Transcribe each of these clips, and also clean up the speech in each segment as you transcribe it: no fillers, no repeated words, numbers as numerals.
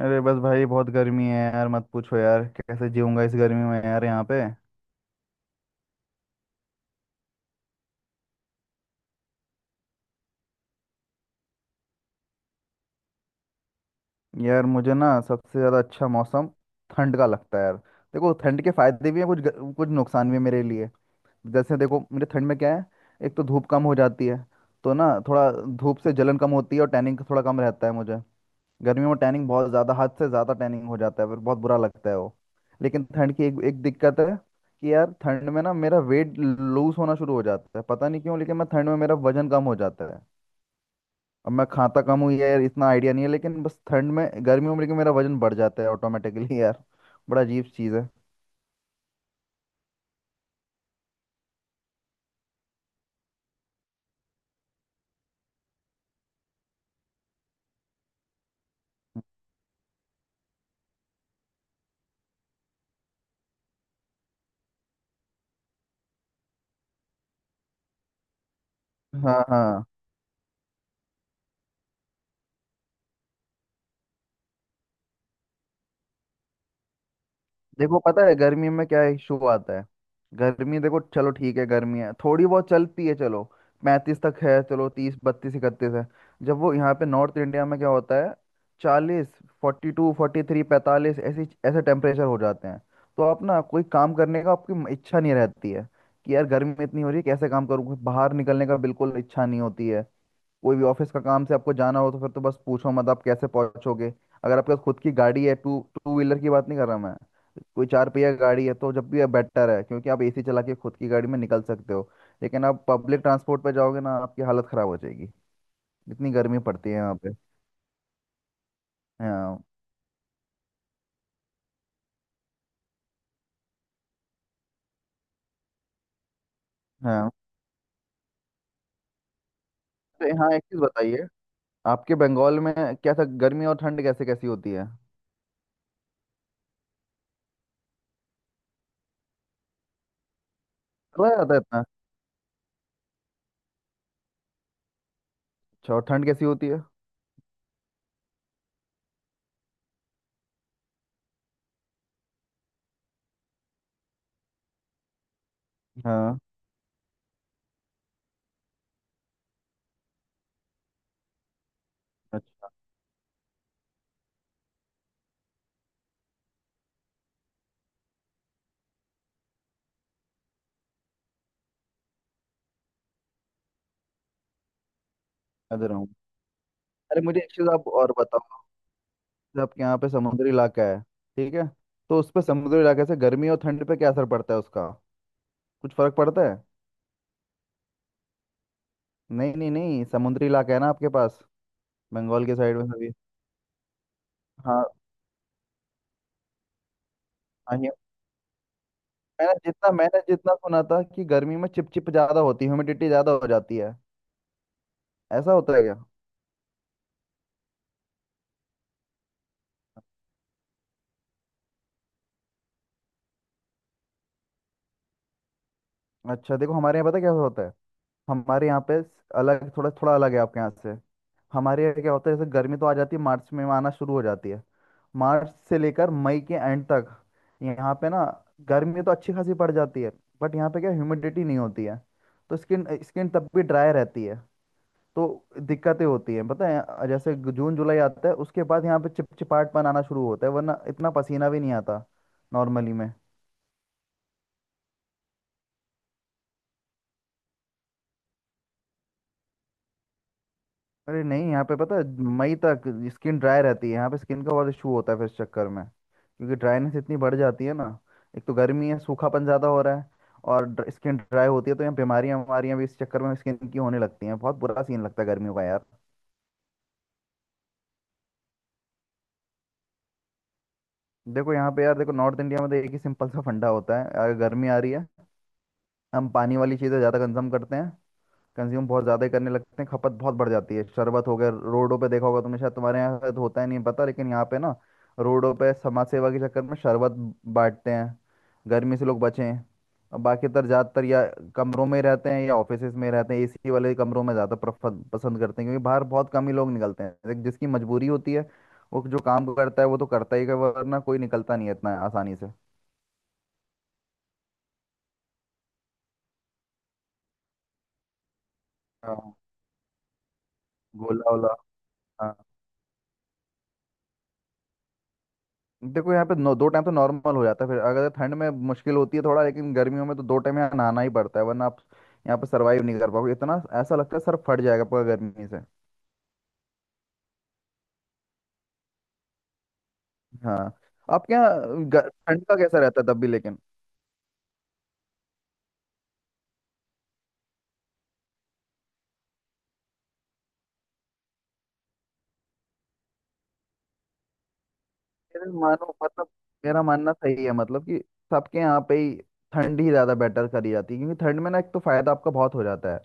अरे बस भाई, बहुत गर्मी है यार। मत पूछो यार, कैसे जीऊंगा इस गर्मी में यार यहाँ पे। यार मुझे ना सबसे ज़्यादा अच्छा मौसम ठंड का लगता है यार। देखो, ठंड के फायदे भी हैं कुछ कुछ नुकसान भी है मेरे लिए। जैसे देखो मेरे ठंड में क्या है। एक तो धूप कम हो जाती है, तो ना थोड़ा धूप से जलन कम होती है और टैनिंग थोड़ा कम रहता है मुझे। गर्मियों में टैनिंग बहुत ज़्यादा, हद से ज़्यादा टैनिंग हो जाता है, फिर बहुत बुरा लगता है वो। लेकिन ठंड की एक एक दिक्कत है कि यार, ठंड में ना मेरा वेट लूज होना शुरू हो जाता है, पता नहीं क्यों। लेकिन मैं ठंड में, मेरा वजन कम हो जाता है। अब मैं खाता कम हूँ यार, इतना आइडिया नहीं है, लेकिन बस ठंड में, गर्मियों में लेकिन मेरा वजन बढ़ जाता है ऑटोमेटिकली यार। बड़ा अजीब चीज़ है। हाँ हाँ। देखो, पता है गर्मी में क्या इशू आता है। गर्मी, देखो चलो ठीक है, गर्मी है थोड़ी बहुत, चलती है चलो। 35 तक है चलो, 30 32 31 है। जब वो यहाँ पे नॉर्थ इंडिया में क्या होता है, 40, 42 43 45, ऐसी ऐसे टेम्परेचर हो जाते हैं। तो आप ना कोई काम करने का आपकी इच्छा नहीं रहती है कि यार, गर्मी में इतनी हो रही है, कैसे काम करूँ। बाहर निकलने का बिल्कुल इच्छा नहीं होती है। कोई भी ऑफिस का काम से आपको जाना हो तो फिर तो बस पूछो मत, आप कैसे पहुंचोगे। अगर आपके पास खुद की गाड़ी है, टू टू व्हीलर की बात नहीं कर रहा मैं, कोई चार पहिया गाड़ी है, तो जब भी बेटर है, क्योंकि आप एसी चला के खुद की गाड़ी में निकल सकते हो। लेकिन आप पब्लिक ट्रांसपोर्ट पर जाओगे ना, आपकी हालत खराब हो जाएगी, इतनी गर्मी पड़ती है यहाँ पे। हाँ हाँ। तो हाँ, एक चीज बताइए, आपके बंगाल में कैसा गर्मी और ठंड कैसे कैसी होती है। चला जाता है इतना? अच्छा, और ठंड कैसी होती है? हाँ। अच्छा। समझ रहा हूँ। अरे मुझे एक चीज आप और बताओ, आपके यहाँ पे समुद्री इलाका है ठीक है, तो उस पे समुद्री इलाके से गर्मी और ठंड पे क्या असर पड़ता है उसका, कुछ फर्क पड़ता है? नहीं नहीं नहीं, समुद्री इलाका है ना आपके पास, बंगाल के साइड में सभी। हाँ। हाँ, मैंने जितना सुना था कि गर्मी में चिपचिप ज्यादा होती है, ह्यूमिडिटी ज्यादा हो जाती है। ऐसा होता है क्या? अच्छा देखो, हमारे यहाँ पता है क्या होता है, हमारे यहाँ पे अलग, थोड़ा थोड़ा अलग है आपके यहाँ से। हमारे यहाँ क्या होता है, जैसे गर्मी तो आ जाती है मार्च में, आना शुरू हो जाती है। मार्च से लेकर मई के एंड तक यहाँ पे ना, गर्मी तो अच्छी खासी पड़ जाती है, बट यहाँ पे क्या, ह्यूमिडिटी नहीं होती है। तो स्किन स्किन तब भी ड्राई रहती है। तो दिक्कतें होती हैं, पता है जैसे जून जुलाई आता है उसके बाद, यहाँ पे चिपचिपाहट पन आना शुरू होता है, वरना इतना पसीना भी नहीं आता नॉर्मली में। अरे नहीं, यहाँ पे पता है मई तक स्किन ड्राई रहती है, यहाँ पे स्किन का बहुत इशू होता है फिर इस चक्कर में, क्योंकि ड्राइनेस इतनी बढ़ जाती है ना। एक तो गर्मी है, सूखापन ज़्यादा हो रहा है और स्किन ड्राई होती है, तो यहाँ बीमारियाँ बीमारियाँ भी इस चक्कर में स्किन की होने लगती हैं। बहुत बुरा सीन लगता है गर्मियों का यार। देखो यहाँ पे यार, देखो नॉर्थ इंडिया में तो एक ही सिंपल सा फंडा होता है, अगर गर्मी आ रही है, हम पानी वाली चीज़ें ज़्यादा कंज्यूम करते हैं। कंज्यूम बहुत ज़्यादा ही करने लगते हैं, खपत बहुत बढ़ जाती है। शरबत हो गया, रोडों पे देखा होगा तुमने, शायद तुम्हारे यहाँ शायद होता ही नहीं पता, लेकिन यहाँ पे ना, रोडों पे समाज सेवा के चक्कर में शरबत बांटते हैं, गर्मी से लोग बचें। और बाकी तर ज़्यादातर या कमरों में रहते हैं, या ऑफिसेज में रहते हैं, एसी वाले कमरों में ज़्यादा पसंद करते हैं, क्योंकि बाहर बहुत कम ही लोग निकलते हैं। एक जिसकी मजबूरी होती है, वो जो काम करता है वो तो करता ही है, वरना कोई निकलता नहीं है इतना आसानी से। हाँ। गोला वोला। देखो यहाँ पे 2 टाइम तो नॉर्मल हो जाता है, फिर अगर ठंड में मुश्किल होती है थोड़ा, लेकिन गर्मियों में तो 2 टाइम यहाँ नहाना ही पड़ता है, वरना आप यहाँ पे सरवाइव नहीं कर पाओगे। इतना ऐसा लगता है सर फट जाएगा पूरा गर्मी से। हाँ। आपके यहाँ ठंड का कैसा रहता है तब भी लेकिन? मेरे मानो मतलब, मेरा मानना सही है मतलब कि सबके यहाँ पे ही ठंड ही ज़्यादा बेटर करी जाती है, क्योंकि ठंड में ना एक तो फायदा आपका बहुत हो जाता है,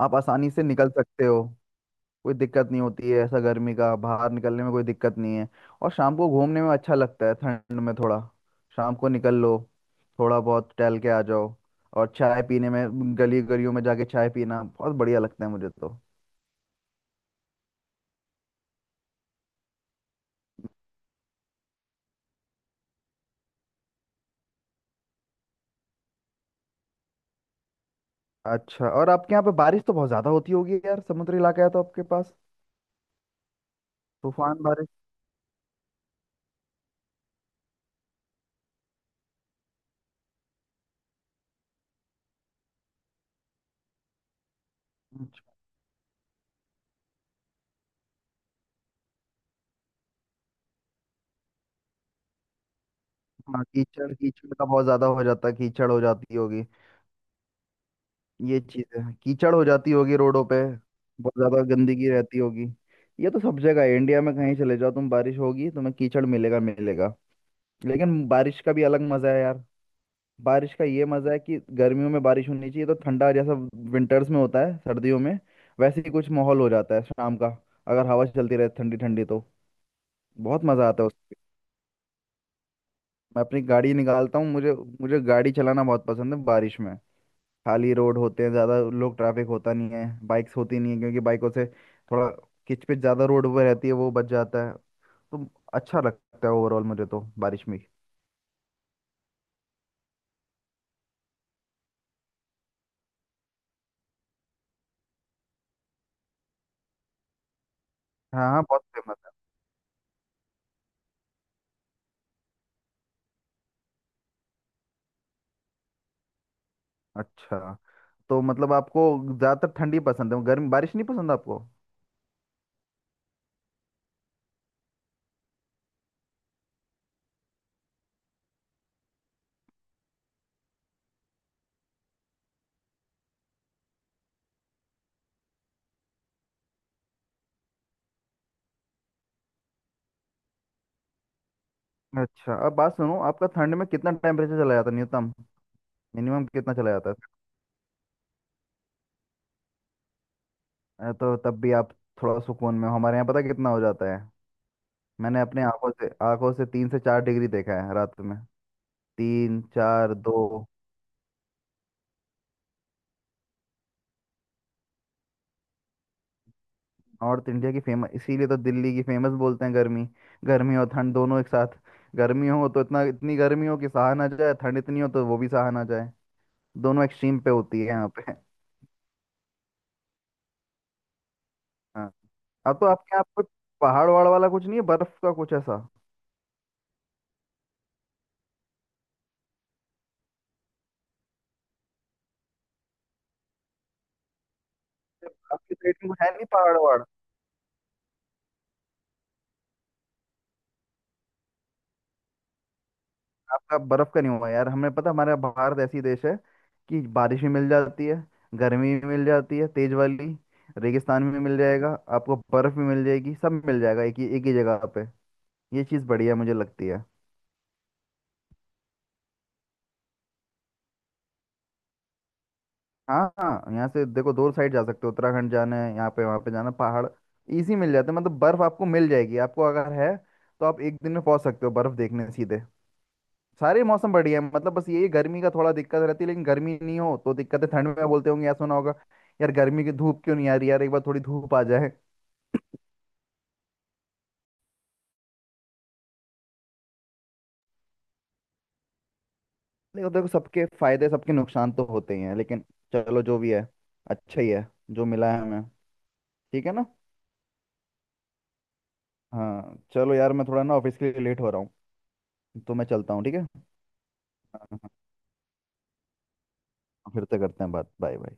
आप आसानी से निकल सकते हो। कोई दिक्कत नहीं होती है ऐसा गर्मी का, बाहर निकलने में कोई दिक्कत नहीं है, और शाम को घूमने में अच्छा लगता है ठंड में। थोड़ा शाम को निकल लो, थोड़ा बहुत टहल के आ जाओ, और चाय पीने में गली गलियों में जाके चाय पीना बहुत बढ़िया लगता है मुझे तो। अच्छा, और आपके यहाँ पे बारिश तो बहुत ज्यादा होती होगी यार, समुद्री इलाका है तो आपके पास, तूफान बारिश। अच्छा। हाँ, कीचड़, कीचड़ का बहुत ज्यादा हो जाता है, कीचड़ हो जाती होगी। ये चीज है, कीचड़ हो जाती होगी रोडों पे, बहुत ज्यादा गंदगी रहती होगी। ये तो सब जगह है इंडिया में, कहीं चले जाओ तुम बारिश होगी, तुम्हें कीचड़ मिलेगा मिलेगा। लेकिन बारिश का भी अलग मजा है यार। बारिश का ये मजा है कि गर्मियों में बारिश होनी चाहिए, तो ठंडा जैसा विंटर्स में होता है, सर्दियों में, वैसे ही कुछ माहौल हो जाता है शाम का, अगर हवा चलती रहे ठंडी ठंडी तो। बहुत मजा आता है उसमें। मैं अपनी गाड़ी निकालता हूँ, मुझे, मुझे गाड़ी चलाना बहुत पसंद है बारिश में। खाली रोड होते हैं, ज़्यादा लोग ट्रैफिक होता नहीं है, बाइक्स होती नहीं है, क्योंकि बाइकों से थोड़ा किचपिच ज़्यादा रोड पर रहती है, वो बच जाता है। तो अच्छा लगता है ओवरऑल मुझे तो बारिश में। हाँ हाँ, बहुत फेमस है। अच्छा, तो मतलब आपको ज़्यादातर ठंडी पसंद है, गर्मी बारिश नहीं पसंद आपको। अच्छा, अब बात सुनो, आपका ठंड में कितना टेम्परेचर चला जाता है न्यूनतम, मिनिमम कितना चला जाता है? तो तब भी आप थोड़ा सुकून में हो। हमारे यहाँ पता कितना हो जाता है? मैंने अपने आंखों से 3 से 4 डिग्री देखा है रात में, तीन चार दो। नॉर्थ इंडिया की फेमस इसीलिए तो दिल्ली की फेमस बोलते हैं, गर्मी गर्मी और ठंड दोनों एक साथ। गर्मी हो तो इतना इतनी गर्मी हो कि सहा ना जाए, ठंड इतनी हो तो वो भी सहा ना जाए। दोनों एक्सट्रीम पे होती है यहाँ पे। हाँ। अब तो आपके यहाँ पे पहाड़ वहाड़ वाला कुछ नहीं है, बर्फ का कुछ ऐसा? आपकी साइड में कुछ है नहीं पहाड़ वहाड़? आपका बर्फ का नहीं हुआ यार? हमें पता, हमारा भारत ऐसी देश है कि बारिश भी मिल जाती है, गर्मी भी मिल जाती है तेज वाली, रेगिस्तान भी मिल जाएगा, आपको बर्फ भी मिल जाएगी, सब मिल जाएगा एक ही जगह। ये चीज़ बढ़िया मुझे लगती है। हाँ हाँ, यहाँ से देखो दो साइड जा सकते हो। उत्तराखंड जाना है यहाँ पे, वहाँ पे जाना, पहाड़ इजी मिल जाते हैं, मतलब बर्फ आपको मिल जाएगी आपको अगर है, तो आप एक दिन में पहुँच सकते हो बर्फ देखने सीधे। सारे मौसम बढ़िया है, मतलब बस ये गर्मी का थोड़ा दिक्कत रहती है, लेकिन गर्मी नहीं हो तो दिक्कत है। ठंड में बोलते होंगे यार, सुना होगा, यार गर्मी की धूप क्यों नहीं आ रही यार, एक बार थोड़ी धूप आ जाए। देखो देखो, सबके फायदे सबके नुकसान तो होते ही हैं, लेकिन चलो जो भी है अच्छा ही है, जो मिला है हमें। ठीक है ना। हाँ चलो यार, मैं थोड़ा ना ऑफिस के लिए लेट हो रहा हूँ, तो मैं चलता हूँ ठीक है। हाँ, हाँ, हाँ, फिर से करते हैं बात, बाय बाय।